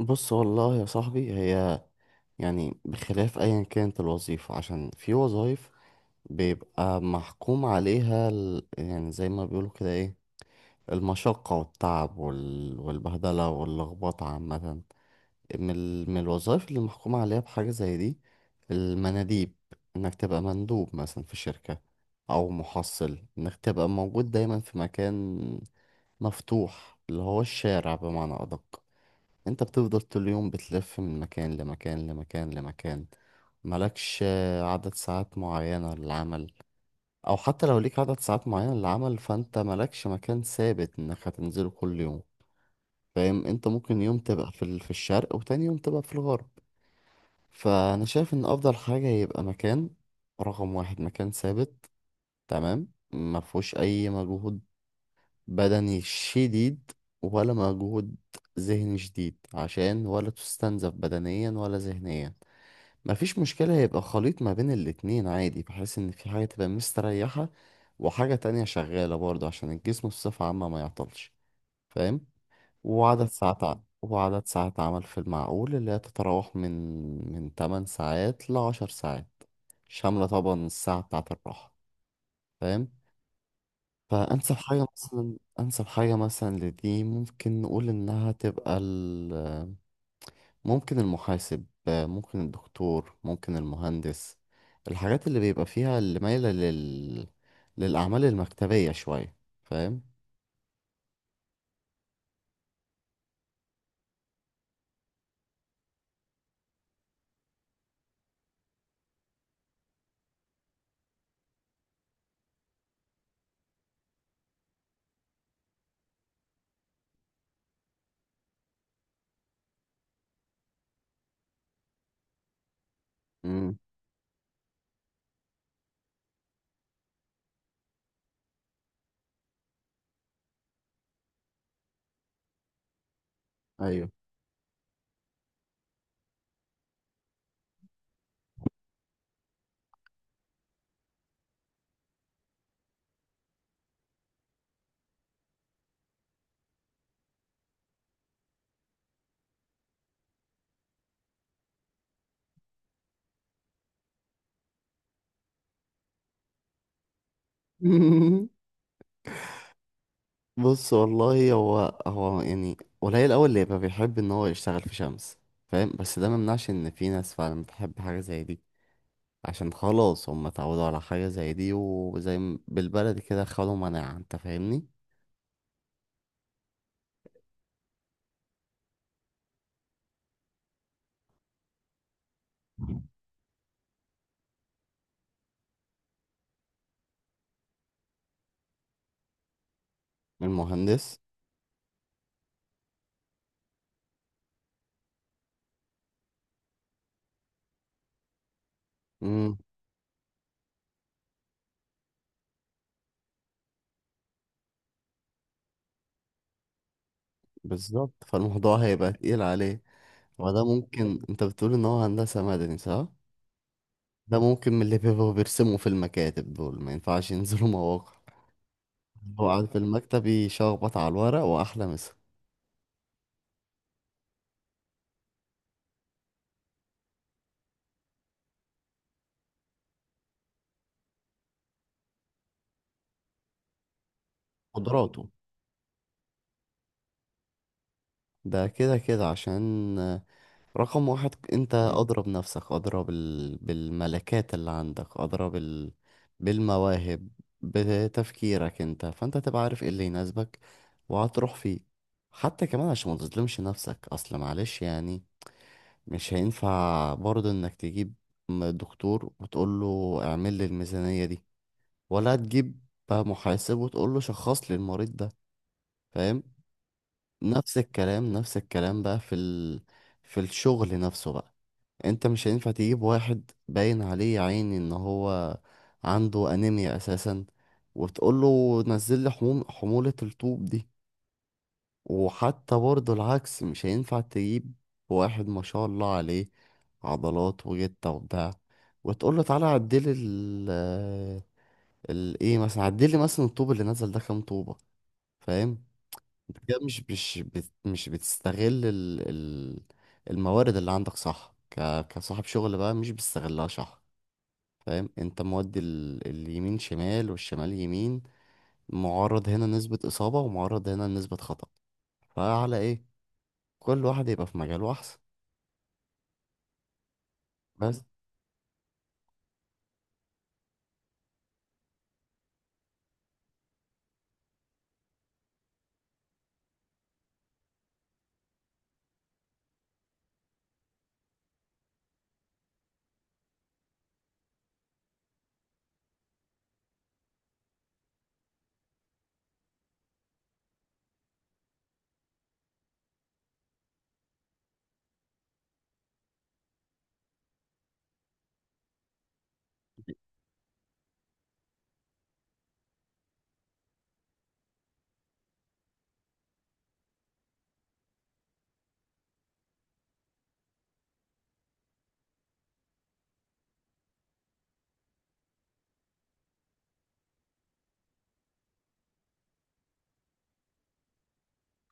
بص والله يا صاحبي، هي يعني بخلاف ايا كانت الوظيفة. عشان في وظائف بيبقى محكوم عليها يعني زي ما بيقولوا كده ايه المشقة والتعب والبهدلة واللخبطة عامة. من الوظائف اللي محكوم عليها بحاجة زي دي، المناديب. انك تبقى مندوب مثلا في شركة، او محصل انك تبقى موجود دايما في مكان مفتوح اللي هو الشارع بمعنى ادق. انت بتفضل طول اليوم بتلف من مكان لمكان لمكان لمكان، مالكش عدد ساعات معينة للعمل. او حتى لو ليك عدد ساعات معينة للعمل فانت مالكش مكان ثابت انك هتنزله كل يوم. فاهم؟ انت ممكن يوم تبقى في الشرق، وتاني يوم تبقى في الغرب. فانا شايف ان افضل حاجة يبقى مكان. رقم واحد، مكان ثابت، تمام، ما فيهوش اي مجهود بدني شديد ولا مجهود ذهني شديد، عشان ولا تستنزف بدنيا ولا ذهنيا. مفيش مشكلة يبقى خليط ما بين الاتنين عادي، بحيث ان في حاجة تبقى مستريحة وحاجة تانية شغالة برضه، عشان الجسم بصفة عامة ما يعطلش. فاهم؟ وعدد ساعات عمل في المعقول، اللي هي تتراوح من 8 ساعات ل 10 ساعات، شاملة طبعا الساعة بتاعة الراحة. فاهم؟ فأنسب حاجة مثلا، أنسب حاجة مثلا لدي، ممكن نقول إنها تبقى ممكن المحاسب، ممكن الدكتور، ممكن المهندس. الحاجات اللي بيبقى فيها، اللي مايلة للأعمال المكتبية شوية. فاهم؟ امم أيوه. بص والله هو يعني قليل أوي اللي يبقى بيحب إن هو يشتغل في شمس. فاهم؟ بس ده ممنعش إن في ناس فعلا بتحب حاجة زي دي، عشان خلاص هم اتعودوا على حاجة زي دي، بالبلدي كده خدوا مناعة. انت فاهمني؟ من المهندس. امم بالظبط، فالموضوع هيبقى تقيل عليه. وده ممكن، انت بتقول ان هو هندسة مدني صح؟ ده ممكن من اللي بيبقوا بيرسموا في المكاتب دول، ما ينفعش ينزلوا مواقع. هو قاعد في المكتب يشخبط على الورق وأحلى مسا. قدراته. ده كده كده، عشان رقم واحد انت. اضرب نفسك، اضرب بالملكات اللي عندك، اضرب بالمواهب، بتفكيرك انت، فانت تبقى عارف ايه اللي يناسبك وهتروح فيه. حتى كمان عشان ما تظلمش نفسك، اصل معلش يعني مش هينفع برضه انك تجيب دكتور وتقول له اعمل لي الميزانية دي، ولا تجيب بقى محاسب وتقول له شخص لي المريض ده. فاهم؟ نفس الكلام، نفس الكلام بقى في الشغل نفسه بقى. انت مش هينفع تجيب واحد باين عليه يا عيني ان هو عنده انيميا اساسا، وتقوله نزل لي حمولة الطوب دي. وحتى برضه العكس، مش هينفع تجيب واحد ما شاء الله عليه عضلات وجتة وبتاع، وتقوله تعالى عدلي ال ال ايه مثلا، عدلي مثلا الطوب اللي نزل ده كام طوبة. فاهم؟ انت كده مش بتستغل ال الموارد اللي عندك صح، كصاحب شغل بقى مش بتستغلها صح. فاهم؟ انت مودي اليمين شمال والشمال يمين، معرض هنا نسبة إصابة ومعرض هنا نسبة خطأ. فعلى ايه؟ كل واحد يبقى في مجاله أحسن. بس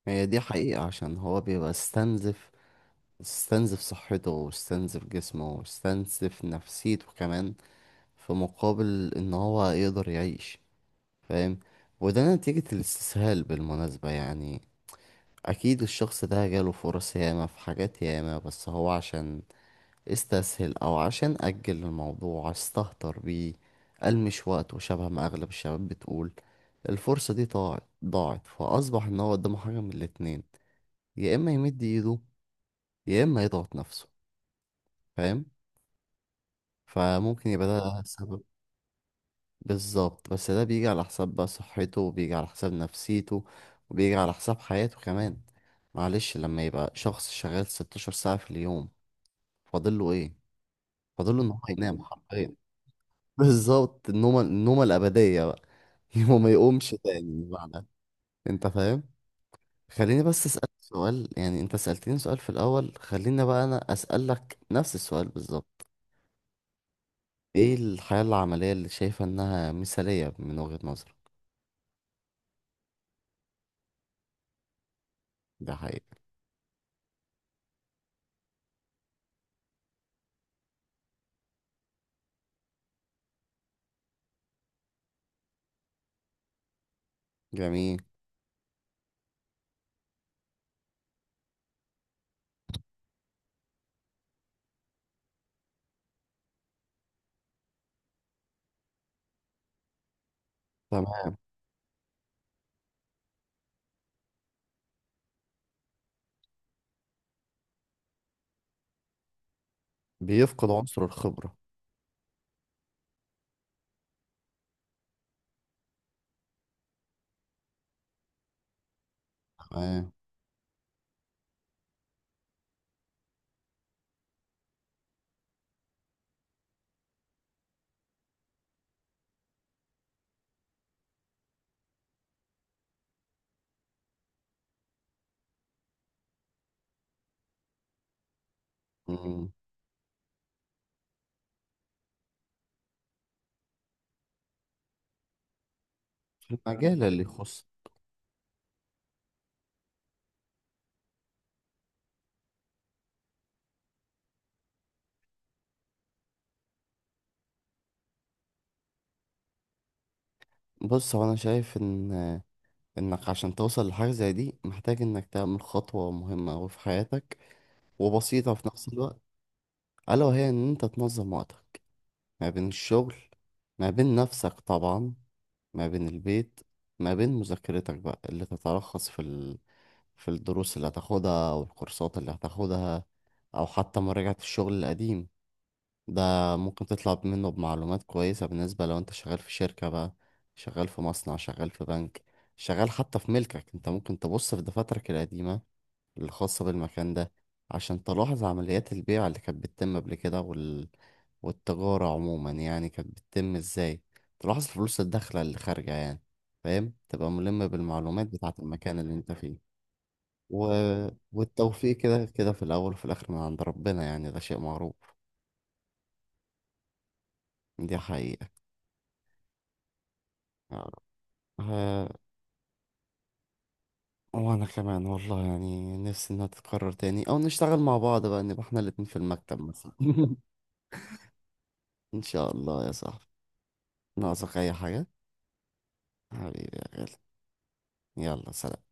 هي دي حقيقة، عشان هو بيبقى استنزف صحته، واستنزف جسمه، واستنزف نفسيته كمان، في مقابل ان هو يقدر يعيش. فاهم؟ وده نتيجة الاستسهال بالمناسبة يعني. اكيد الشخص ده جاله فرص ياما، في حاجات ياما، بس هو عشان استسهل او عشان اجل الموضوع استهتر بيه. المش وقت، وشبه ما اغلب الشباب بتقول الفرصة دي ضاعت ضاعت، فاصبح ان هو قدامه حاجة من الاتنين: يا اما يمد ايده، يا اما يضغط نفسه. فاهم؟ فممكن يبقى ده سبب. بالظبط، بس ده بيجي على حساب بقى صحته، وبيجي على حساب نفسيته، وبيجي على حساب حياته كمان. معلش، لما يبقى شخص شغال 16 ساعة في اليوم، فاضله ايه؟ فاضله ان هو ينام حرفيا. بالظبط، النومة، النومة الأبدية بقى. هو ما يقومش تاني بعدها. انت فاهم؟ خليني بس أسألك سؤال، يعني انت سألتني سؤال في الأول، خليني بقى أنا أسألك نفس السؤال بالظبط: ايه الحياة العملية اللي شايفة انها مثالية من وجهة نظرك؟ ده حقيقي. جميل. تمام. بيفقد عنصر الخبرة. تمام مم. المجال اللي يخص. بص، هو انا شايف ان انك عشان توصل لحاجة زي دي محتاج انك تعمل خطوة مهمة أوي في حياتك، وبسيطة في نفس الوقت. ألا وهي إن أنت تنظم وقتك ما بين الشغل، ما بين نفسك طبعا، ما بين البيت، ما بين مذاكرتك بقى، اللي تتلخص في الدروس اللي هتاخدها، أو الكورسات اللي هتاخدها، أو حتى مراجعة الشغل القديم ده. ممكن تطلع منه بمعلومات كويسة، بالنسبة لو أنت شغال في شركة بقى، شغال في مصنع، شغال في بنك، شغال حتى في ملكك أنت. ممكن تبص في دفاترك القديمة الخاصة بالمكان ده، عشان تلاحظ عمليات البيع اللي كانت بتتم قبل كده، والتجارة عموما يعني كانت بتتم ازاي. تلاحظ الفلوس الداخلة اللي خارجة يعني. فاهم؟ تبقى ملم بالمعلومات بتاعة المكان اللي انت فيه. و... والتوفيق كده كده في الأول وفي الآخر من عند ربنا، يعني ده شيء معروف. دي حقيقة. آه، وأنا كمان والله، يعني نفسي إنها تتكرر تاني، أو نشتغل مع بعض بقى، نبقى إحنا الاتنين في المكتب مثلا. إن شاء الله يا صاحبي. ناقصك أي حاجة؟ حبيبي يا غالي، يلا سلام.